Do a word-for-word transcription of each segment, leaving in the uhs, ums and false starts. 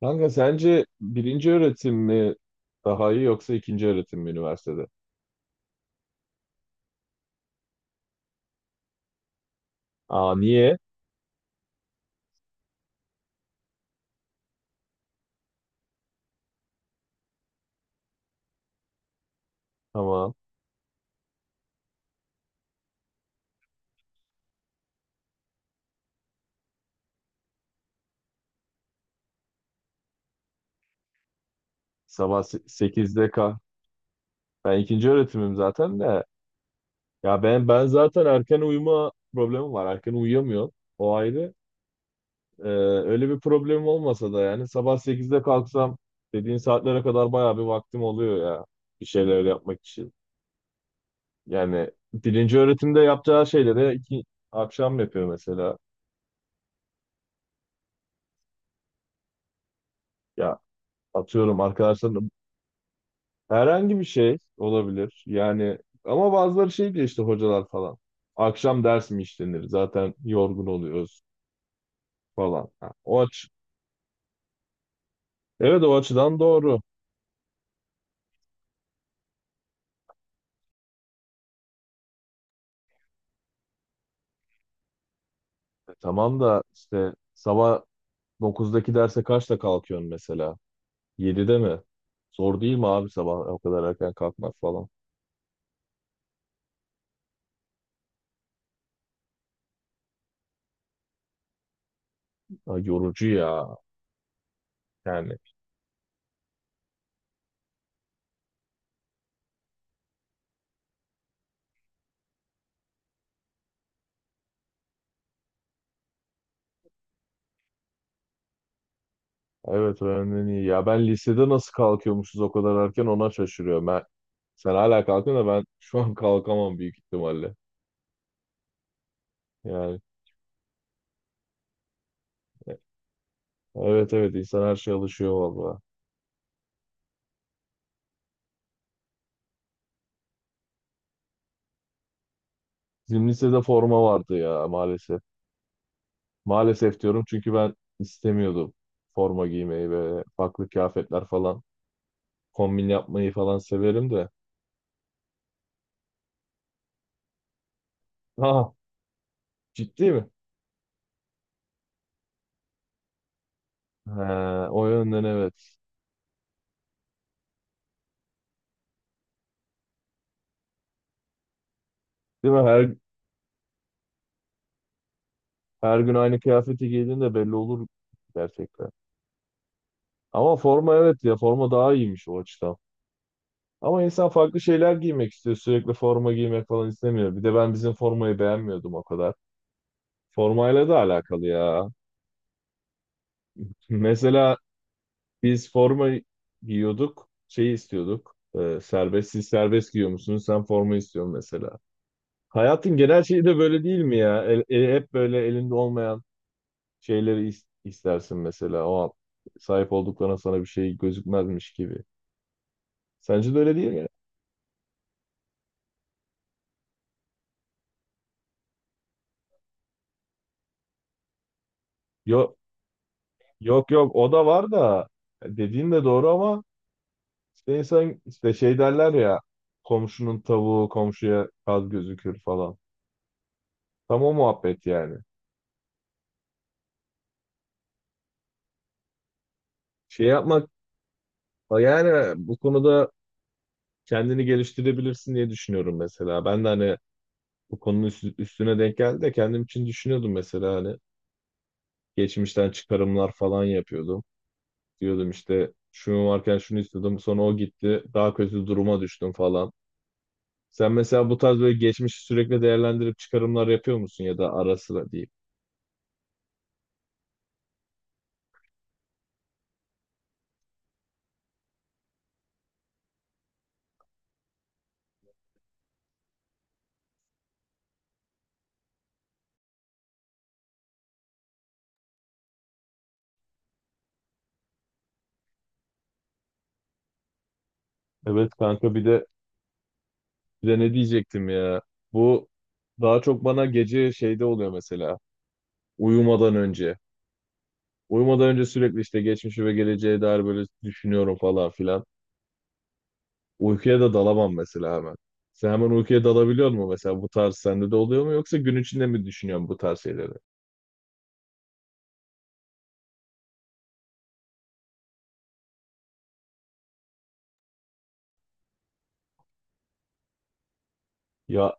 Kanka sence birinci öğretim mi daha iyi yoksa ikinci öğretim mi üniversitede? Aa, niye? Tamam. Sabah se- sekizde kah. Ben ikinci öğretimim zaten de. Ya ben ben zaten erken uyuma problemim var. Erken uyuyamıyorum. O ayrı. Ee, Öyle bir problemim olmasa da yani sabah sekizde kalksam dediğin saatlere kadar bayağı bir vaktim oluyor ya. Bir şeyler yapmak için. Yani birinci öğretimde yapacağı şeyleri iki, akşam yapıyor mesela. Ya, atıyorum arkadaşlar. Herhangi bir şey olabilir. Yani ama bazıları şey diyor işte, hocalar falan. Akşam ders mi işlenir, zaten yorgun oluyoruz falan. Ha, o aç. Evet, o açıdan doğru. E, tamam da işte sabah dokuzdaki derse kaçta kalkıyorsun mesela? Yedide mi? Zor değil mi abi sabah o kadar erken kalkmak falan? Ha, yorucu ya. Yani, evet, öğrenmen iyi. Ya ben lisede nasıl kalkıyormuşuz o kadar erken, ona şaşırıyorum. Ben, sen hala kalkıyorsun da ben şu an kalkamam büyük ihtimalle. Yani evet, evet, insan her şeye alışıyor valla. Bizim lisede forma vardı ya, maalesef. Maalesef diyorum çünkü ben istemiyordum forma giymeyi, ve farklı kıyafetler falan kombin yapmayı falan severim de. Ha, ciddi mi? He, o yönden evet. Değil mi? Her, her gün aynı kıyafeti giydiğinde belli olur gerçekten. Ama forma, evet ya, forma daha iyiymiş o açıdan. Ama insan farklı şeyler giymek istiyor. Sürekli forma giymek falan istemiyor. Bir de ben bizim formayı beğenmiyordum o kadar. Formayla da alakalı ya. Mesela biz forma giyiyorduk, şey istiyorduk. E, serbest, siz serbest giyiyor musunuz? Sen forma istiyorsun mesela. Hayatın genel şeyi de böyle değil mi ya? El- el- hep böyle elinde olmayan şeyleri is- istersin mesela. O an sahip olduklarına sana bir şey gözükmezmiş gibi. Sence de öyle değil mi? Yok, yok, yok, o da var da dediğin de doğru, ama işte insan, işte şey derler ya, komşunun tavuğu komşuya kaz gözükür falan. Tam o muhabbet yani. Şey yapmak Ha, yani bu konuda kendini geliştirebilirsin diye düşünüyorum mesela. Ben de hani bu konunun üst- üstüne denk geldi de kendim için düşünüyordum mesela, hani geçmişten çıkarımlar falan yapıyordum. Diyordum işte, şunu varken şunu istiyordum, sonra o gitti, daha kötü duruma düştüm falan. Sen mesela bu tarz böyle geçmişi sürekli değerlendirip çıkarımlar yapıyor musun, ya da ara sıra diyeyim. Evet kanka, bir de bir de ne diyecektim ya. Bu daha çok bana gece şeyde oluyor mesela, uyumadan önce. Uyumadan önce sürekli işte geçmişi ve geleceğe dair böyle düşünüyorum falan filan. Uykuya da dalamam mesela hemen. Sen hemen uykuya dalabiliyor musun mesela, bu tarz sende de oluyor mu, yoksa gün içinde mi düşünüyorsun bu tarz şeyleri? Ya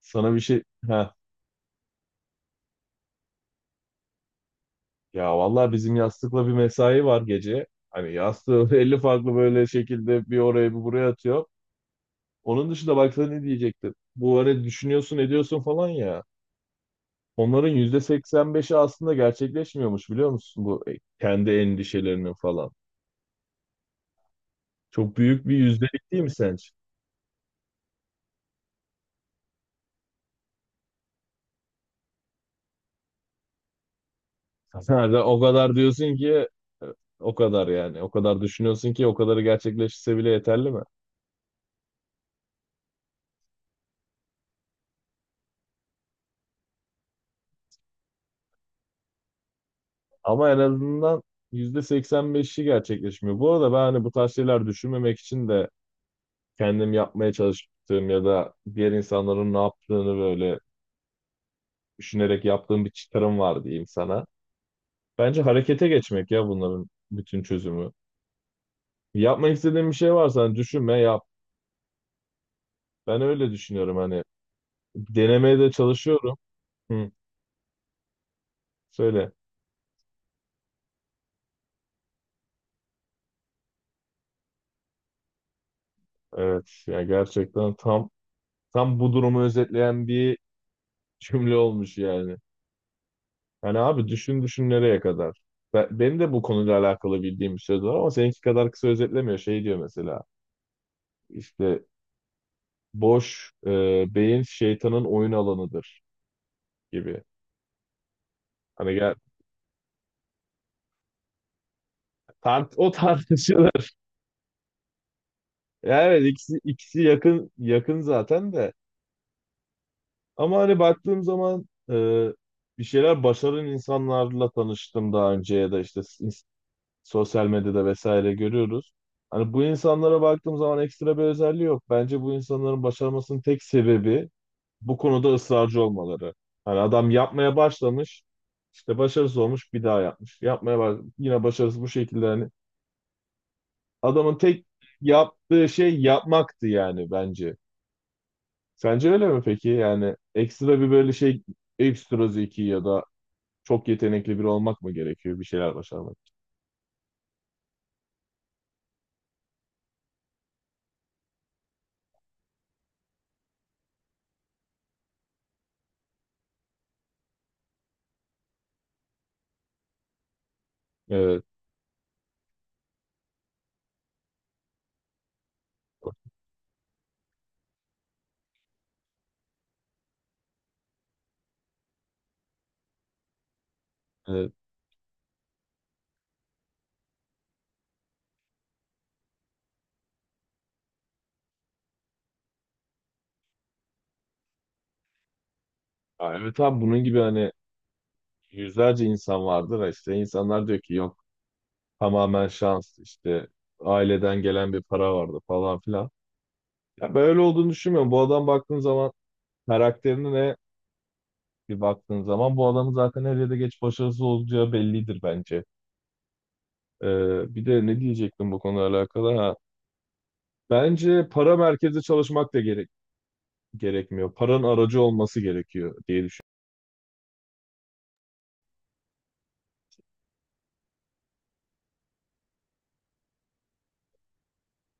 sana bir şey ha Ya vallahi bizim yastıkla bir mesai var gece. Hani yastığı elli farklı böyle şekilde bir oraya bir buraya atıyor. Onun dışında baksana, ne diyecektim. Bu hani düşünüyorsun ediyorsun falan ya. Onların yüzde seksen beşi aslında gerçekleşmiyormuş, biliyor musun? Bu e, kendi endişelerinin falan. Çok büyük bir yüzdelik değil mi sence? Sen de o kadar diyorsun ki, e, o kadar yani. O kadar düşünüyorsun ki, o kadarı gerçekleşse bile yeterli mi? Ama en azından yüzde seksen beşi gerçekleşmiyor. Bu arada ben hani bu tarz şeyler düşünmemek için de kendim yapmaya çalıştığım ya da diğer insanların ne yaptığını böyle düşünerek yaptığım bir çıkarım var diyeyim sana. Bence harekete geçmek ya, bunların bütün çözümü. Yapmak istediğin bir şey varsa hani, düşünme yap. Ben öyle düşünüyorum hani, denemeye de çalışıyorum. Hı. Söyle. Evet. Ya gerçekten tam tam bu durumu özetleyen bir cümle olmuş yani. Yani abi, düşün düşün nereye kadar. Ben, benim de bu konuyla alakalı bildiğim bir söz var ama seninki kadar kısa özetlemiyor. Şey diyor mesela, işte, boş e, beyin şeytanın oyun alanıdır gibi. Hani gel, tart, o tartışılır. Ya evet, ikisi ikisi yakın yakın zaten de. Ama hani baktığım zaman, e, bir şeyler başaran insanlarla tanıştım daha önce, ya da işte sosyal medyada vesaire görüyoruz. Hani bu insanlara baktığım zaman ekstra bir özelliği yok. Bence bu insanların başarmasının tek sebebi bu konuda ısrarcı olmaları. Hani adam yapmaya başlamış, işte başarısız olmuş, bir daha yapmış. Yapmaya baş Yine başarısız, bu şekilde, hani adamın tek yaptığı şey yapmaktı yani bence. Sence öyle mi peki? Yani ekstra bir böyle şey ekstra zeki ya da çok yetenekli biri olmak mı gerekiyor bir şeyler başarmak için? Evet, evet. Aa, evet abi, bunun gibi hani yüzlerce insan vardır. İşte insanlar diyor ki, yok, tamamen şans, işte aileden gelen bir para vardı falan filan. Ya, böyle olduğunu düşünmüyorum. Bu adam baktığın zaman karakterine ne bir baktığın zaman bu adamın zaten her yerde geç başarısız olacağı bellidir bence. Ee, bir de ne diyecektim bu konuyla alakalı? Ha, bence para merkezi çalışmak da gerek gerekmiyor. Paranın aracı olması gerekiyor diye düşünüyorum.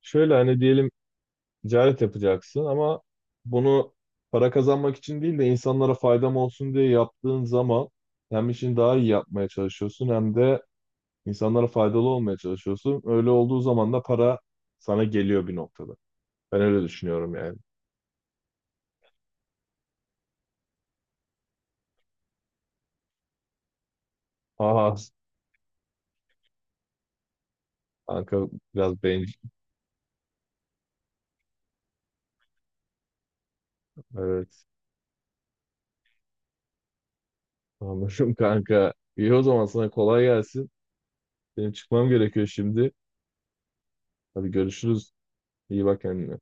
Şöyle hani, diyelim ticaret yapacaksın ama bunu para kazanmak için değil de insanlara faydam olsun diye yaptığın zaman, hem işini daha iyi yapmaya çalışıyorsun, hem de insanlara faydalı olmaya çalışıyorsun. Öyle olduğu zaman da para sana geliyor bir noktada. Ben öyle düşünüyorum yani. Aha kanka, biraz bencil. Evet, anladım kanka. İyi, o zaman sana kolay gelsin. Benim çıkmam gerekiyor şimdi. Hadi görüşürüz. İyi bak kendine.